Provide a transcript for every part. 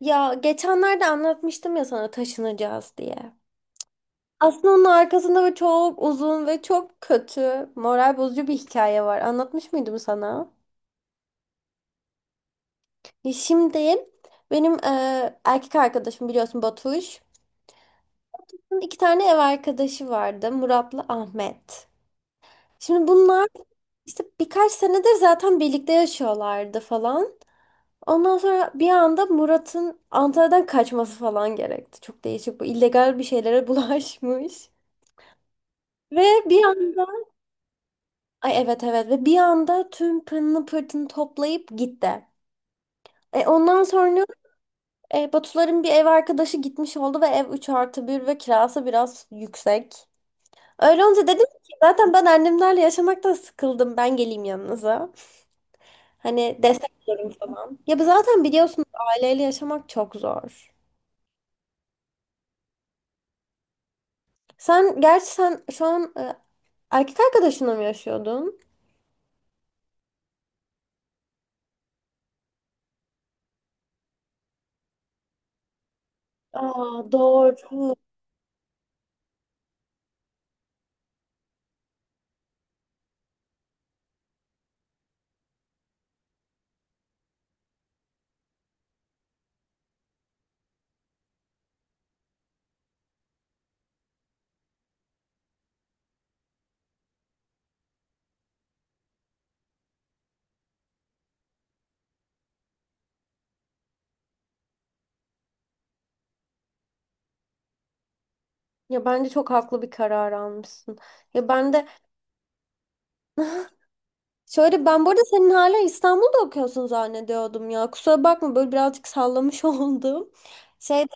Ya geçenlerde anlatmıştım ya sana taşınacağız diye. Aslında onun arkasında böyle çok uzun ve çok kötü, moral bozucu bir hikaye var. Anlatmış mıydım sana? Ya şimdi benim erkek arkadaşım biliyorsun Batuş. Bunun İki tane ev arkadaşı vardı, Murat'la Ahmet. Şimdi bunlar işte birkaç senedir zaten birlikte yaşıyorlardı falan. Ondan sonra bir anda Murat'ın Antalya'dan kaçması falan gerekti. Çok değişik, bu illegal bir şeylere bulaşmış. Ve bir anda, ay evet evet, ve bir anda tüm pırını pırtını toplayıp gitti. E ondan sonra Batuların bir ev arkadaşı gitmiş oldu ve ev 3+1 ve kirası biraz yüksek. Öyle olunca dedim ki zaten ben annemlerle yaşamaktan sıkıldım, ben geleyim yanınıza. Hani destek olurum falan. Ya bu zaten biliyorsunuz, aileyle yaşamak çok zor. Sen gerçi, sen şu an erkek arkadaşınla mı yaşıyordun? Aa doğru. Ya bence çok haklı bir karar almışsın. Ya ben de şöyle, ben burada senin hala İstanbul'da okuyorsun zannediyordum ya. Kusura bakma, böyle birazcık sallamış oldum. Şey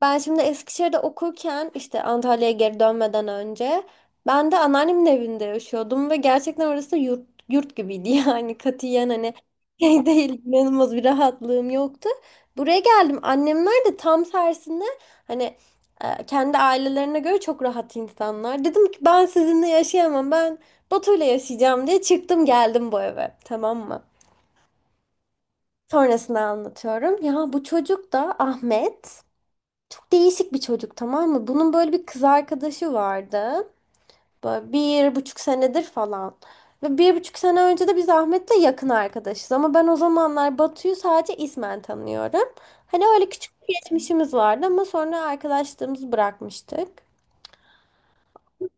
Ben şimdi Eskişehir'de okurken, işte Antalya'ya geri dönmeden önce ben de anneannemin evinde yaşıyordum ve gerçekten orası da yurt, yurt gibiydi yani katiyen hani şey değil, inanılmaz bir rahatlığım yoktu. Buraya geldim, annemler de tam tersinde hani kendi ailelerine göre çok rahat insanlar. Dedim ki ben sizinle yaşayamam, ben Batu'yla yaşayacağım, diye çıktım geldim bu eve, tamam mı? Sonrasını anlatıyorum. Ya bu çocuk da Ahmet. Çok değişik bir çocuk, tamam mı? Bunun böyle bir kız arkadaşı vardı. Böyle bir buçuk senedir falan. Ve bir buçuk sene önce de biz Ahmet'le yakın arkadaşız. Ama ben o zamanlar Batu'yu sadece ismen tanıyorum. Hani öyle küçük bir geçmişimiz vardı ama sonra arkadaşlığımızı bırakmıştık.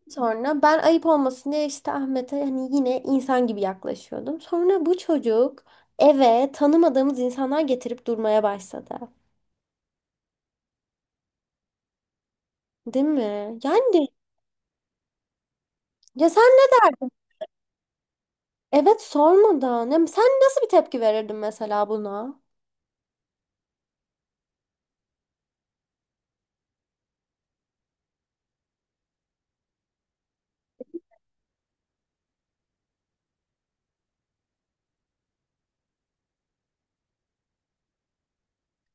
Sonra ben ayıp olmasın diye işte Ahmet'e hani yine insan gibi yaklaşıyordum. Sonra bu çocuk eve tanımadığımız insanlar getirip durmaya başladı. Değil mi? Yani ya sen ne derdin? Evet, sormadan. Ya sen nasıl bir tepki verirdin mesela buna?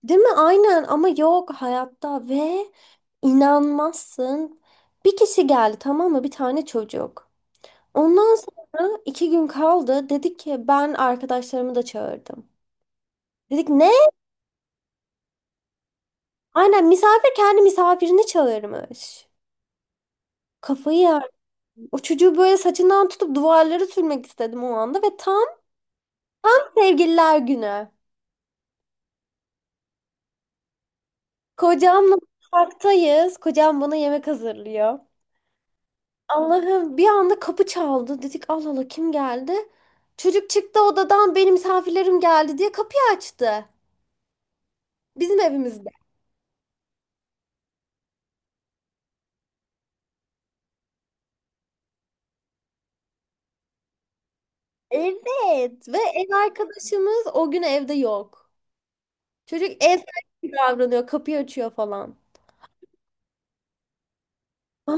Değil mi? Aynen, ama yok hayatta ve inanmazsın. Bir kişi geldi, tamam mı? Bir tane çocuk. Ondan sonra iki gün kaldı. Dedik ki ben arkadaşlarımı da çağırdım. Dedik ne? Aynen, misafir kendi misafirini çağırmış. Kafayı yer. O çocuğu böyle saçından tutup duvarlara sürmek istedim o anda ve tam sevgililer günü. Kocamla mutfaktayız. Kocam bana yemek hazırlıyor. Allah'ım, bir anda kapı çaldı. Dedik Allah Allah, kim geldi? Çocuk çıktı odadan, benim misafirlerim geldi diye kapıyı açtı. Bizim evimizde. Evet ve ev arkadaşımız o gün evde yok. Çocuk ev sahibi gibi davranıyor, kapıyı açıyor falan. Aa,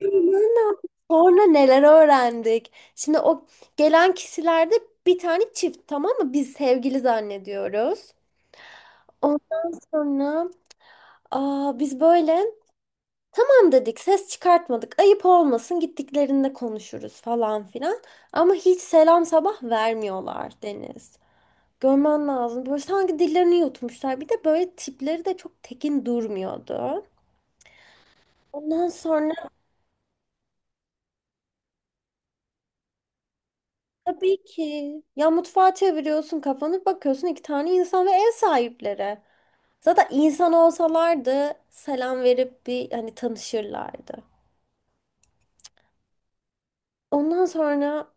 inanamıyorum. Sonra neler öğrendik. Şimdi o gelen kişilerde bir tane çift, tamam mı? Biz sevgili zannediyoruz. Ondan sonra, aa, biz böyle tamam dedik, ses çıkartmadık, ayıp olmasın, gittiklerinde konuşuruz falan filan. Ama hiç selam sabah vermiyorlar Deniz. Görmen lazım. Böyle sanki dillerini yutmuşlar. Bir de böyle tipleri de çok tekin durmuyordu. Ondan sonra tabii ki ya, mutfağa çeviriyorsun kafanı, bakıyorsun iki tane insan ve ev sahipleri. Zaten insan olsalardı selam verip bir hani tanışırlardı. Ondan sonra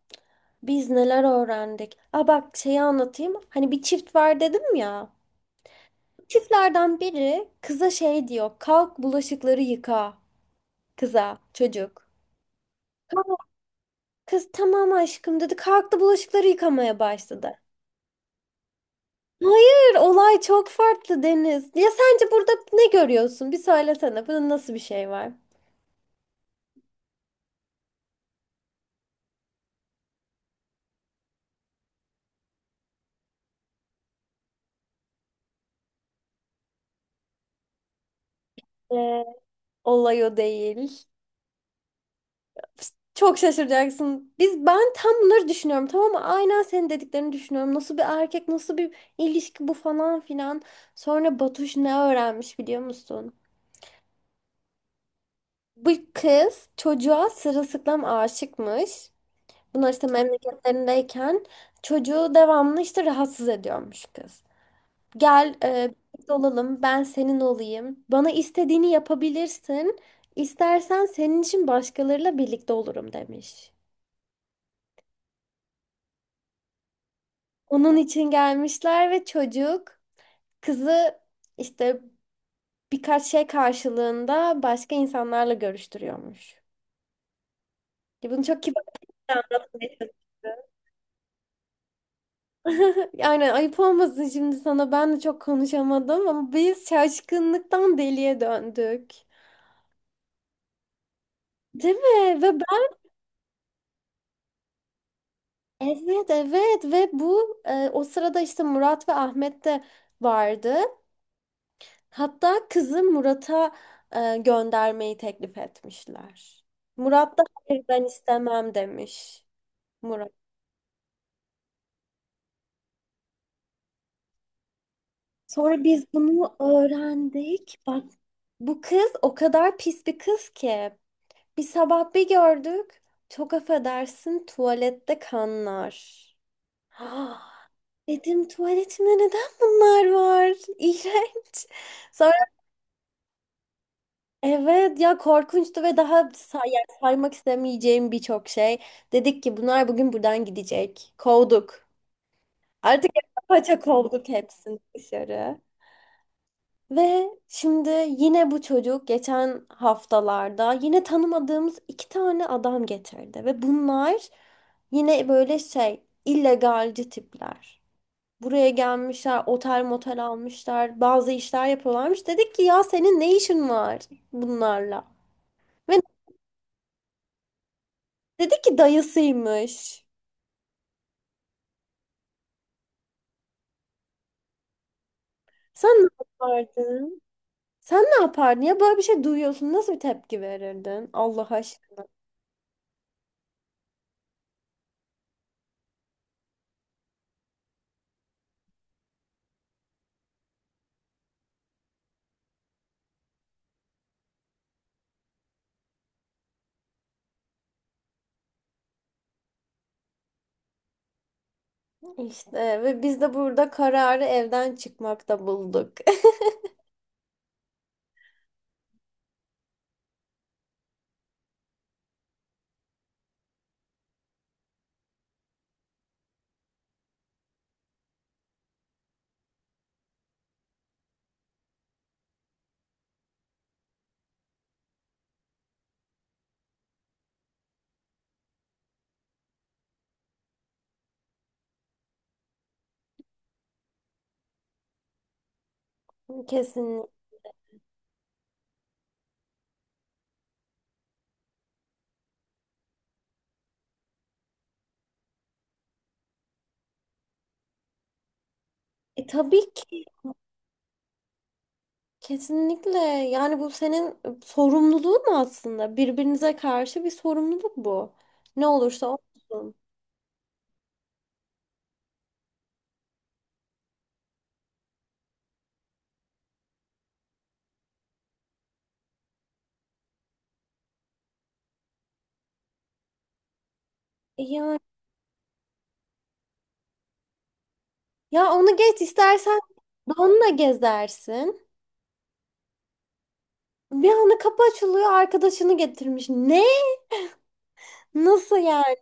biz neler öğrendik? Aa bak, şeyi anlatayım. Hani bir çift var dedim ya. Çiftlerden biri kıza şey diyor. Kalk bulaşıkları yıka. Kıza, çocuk. Kalk. Kız tamam aşkım dedi. Kalktı bulaşıkları yıkamaya başladı. Hayır, olay çok farklı Deniz. Ya sence burada ne görüyorsun? Bir söylesene. Bunun nasıl bir şey var? Ee, Olay o değil. Çok şaşıracaksın. Ben tam bunları düşünüyorum, tamam mı? Aynen senin dediklerini düşünüyorum. Nasıl bir erkek, nasıl bir ilişki bu falan filan. Sonra Batuş ne öğrenmiş biliyor musun? Bu kız çocuğa sırılsıklam aşıkmış. Bunlar işte memleketlerindeyken çocuğu devamlı işte rahatsız ediyormuş kız. Gel birlikte olalım, ben senin olayım. Bana istediğini yapabilirsin. İstersen senin için başkalarıyla birlikte olurum, demiş. Onun için gelmişler ve çocuk kızı işte birkaç şey karşılığında başka insanlarla görüştürüyormuş. Ya bunu çok kibarca anlatmaya çalıştı. Yani ayıp olmasın şimdi sana, ben de çok konuşamadım ama biz şaşkınlıktan deliye döndük. Değil mi? Ve ben, evet evet, ve bu o sırada işte Murat ve Ahmet de vardı. Hatta kızı Murat'a göndermeyi teklif etmişler. Murat da hayır ben istemem demiş. Murat. Sonra biz bunu öğrendik. Bak, bu kız o kadar pis bir kız ki. Bir sabah bir gördük. Çok affedersin, tuvalette kanlar. Ah, dedim tuvaletimde neden bunlar var? İğrenç. Sonra evet ya, korkunçtu ve daha say yani saymak istemeyeceğim birçok şey. Dedik ki bunlar bugün buradan gidecek. Kovduk. Artık paça kovduk hepsini dışarı. Ve şimdi yine bu çocuk geçen haftalarda yine tanımadığımız iki tane adam getirdi. Ve bunlar yine böyle şey illegalci tipler. Buraya gelmişler, otel motel almışlar, bazı işler yapıyorlarmış. Dedik ki ya senin ne işin var bunlarla? Ve dedi ki dayısıymış. Sen ne yapardın? Sen ne yapardın? Ya böyle bir şey duyuyorsun. Nasıl bir tepki verirdin? Allah aşkına. İşte ve biz de burada kararı evden çıkmakta bulduk. Kesin. E, tabii ki. Kesinlikle. Yani bu senin sorumluluğun aslında. Birbirinize karşı bir sorumluluk bu. Ne olursa olsun. E yani, ya onu geç, istersen donla gezersin. Bir anda kapı açılıyor, arkadaşını getirmiş. Ne? Nasıl yani?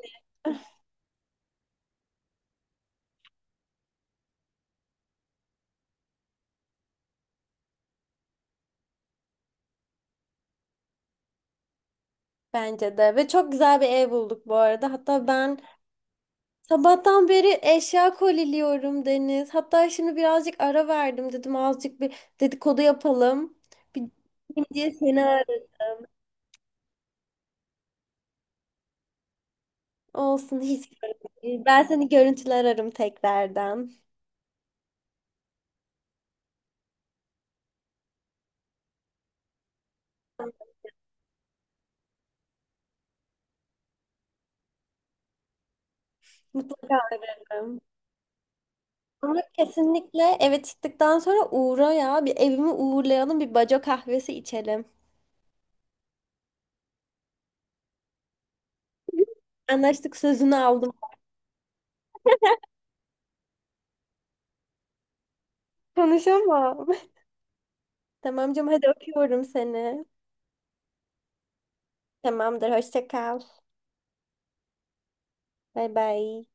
Bence de. Ve çok güzel bir ev bulduk bu arada. Hatta ben sabahtan beri eşya koliliyorum Deniz. Hatta şimdi birazcık ara verdim dedim. Azıcık bir dedikodu yapalım. Bir gideyim diye seni aradım. Olsun, hiç sorun değil. Ben seni görüntüler ararım tekrardan. Mutlaka ararım. Ama kesinlikle eve çıktıktan sonra uğra ya. Bir evimi uğurlayalım. Bir baco kahvesi içelim. Anlaştık, sözünü aldım. Konuşamam. Tamam canım, hadi öpüyorum seni. Tamamdır, hoşça kal. Bay bay.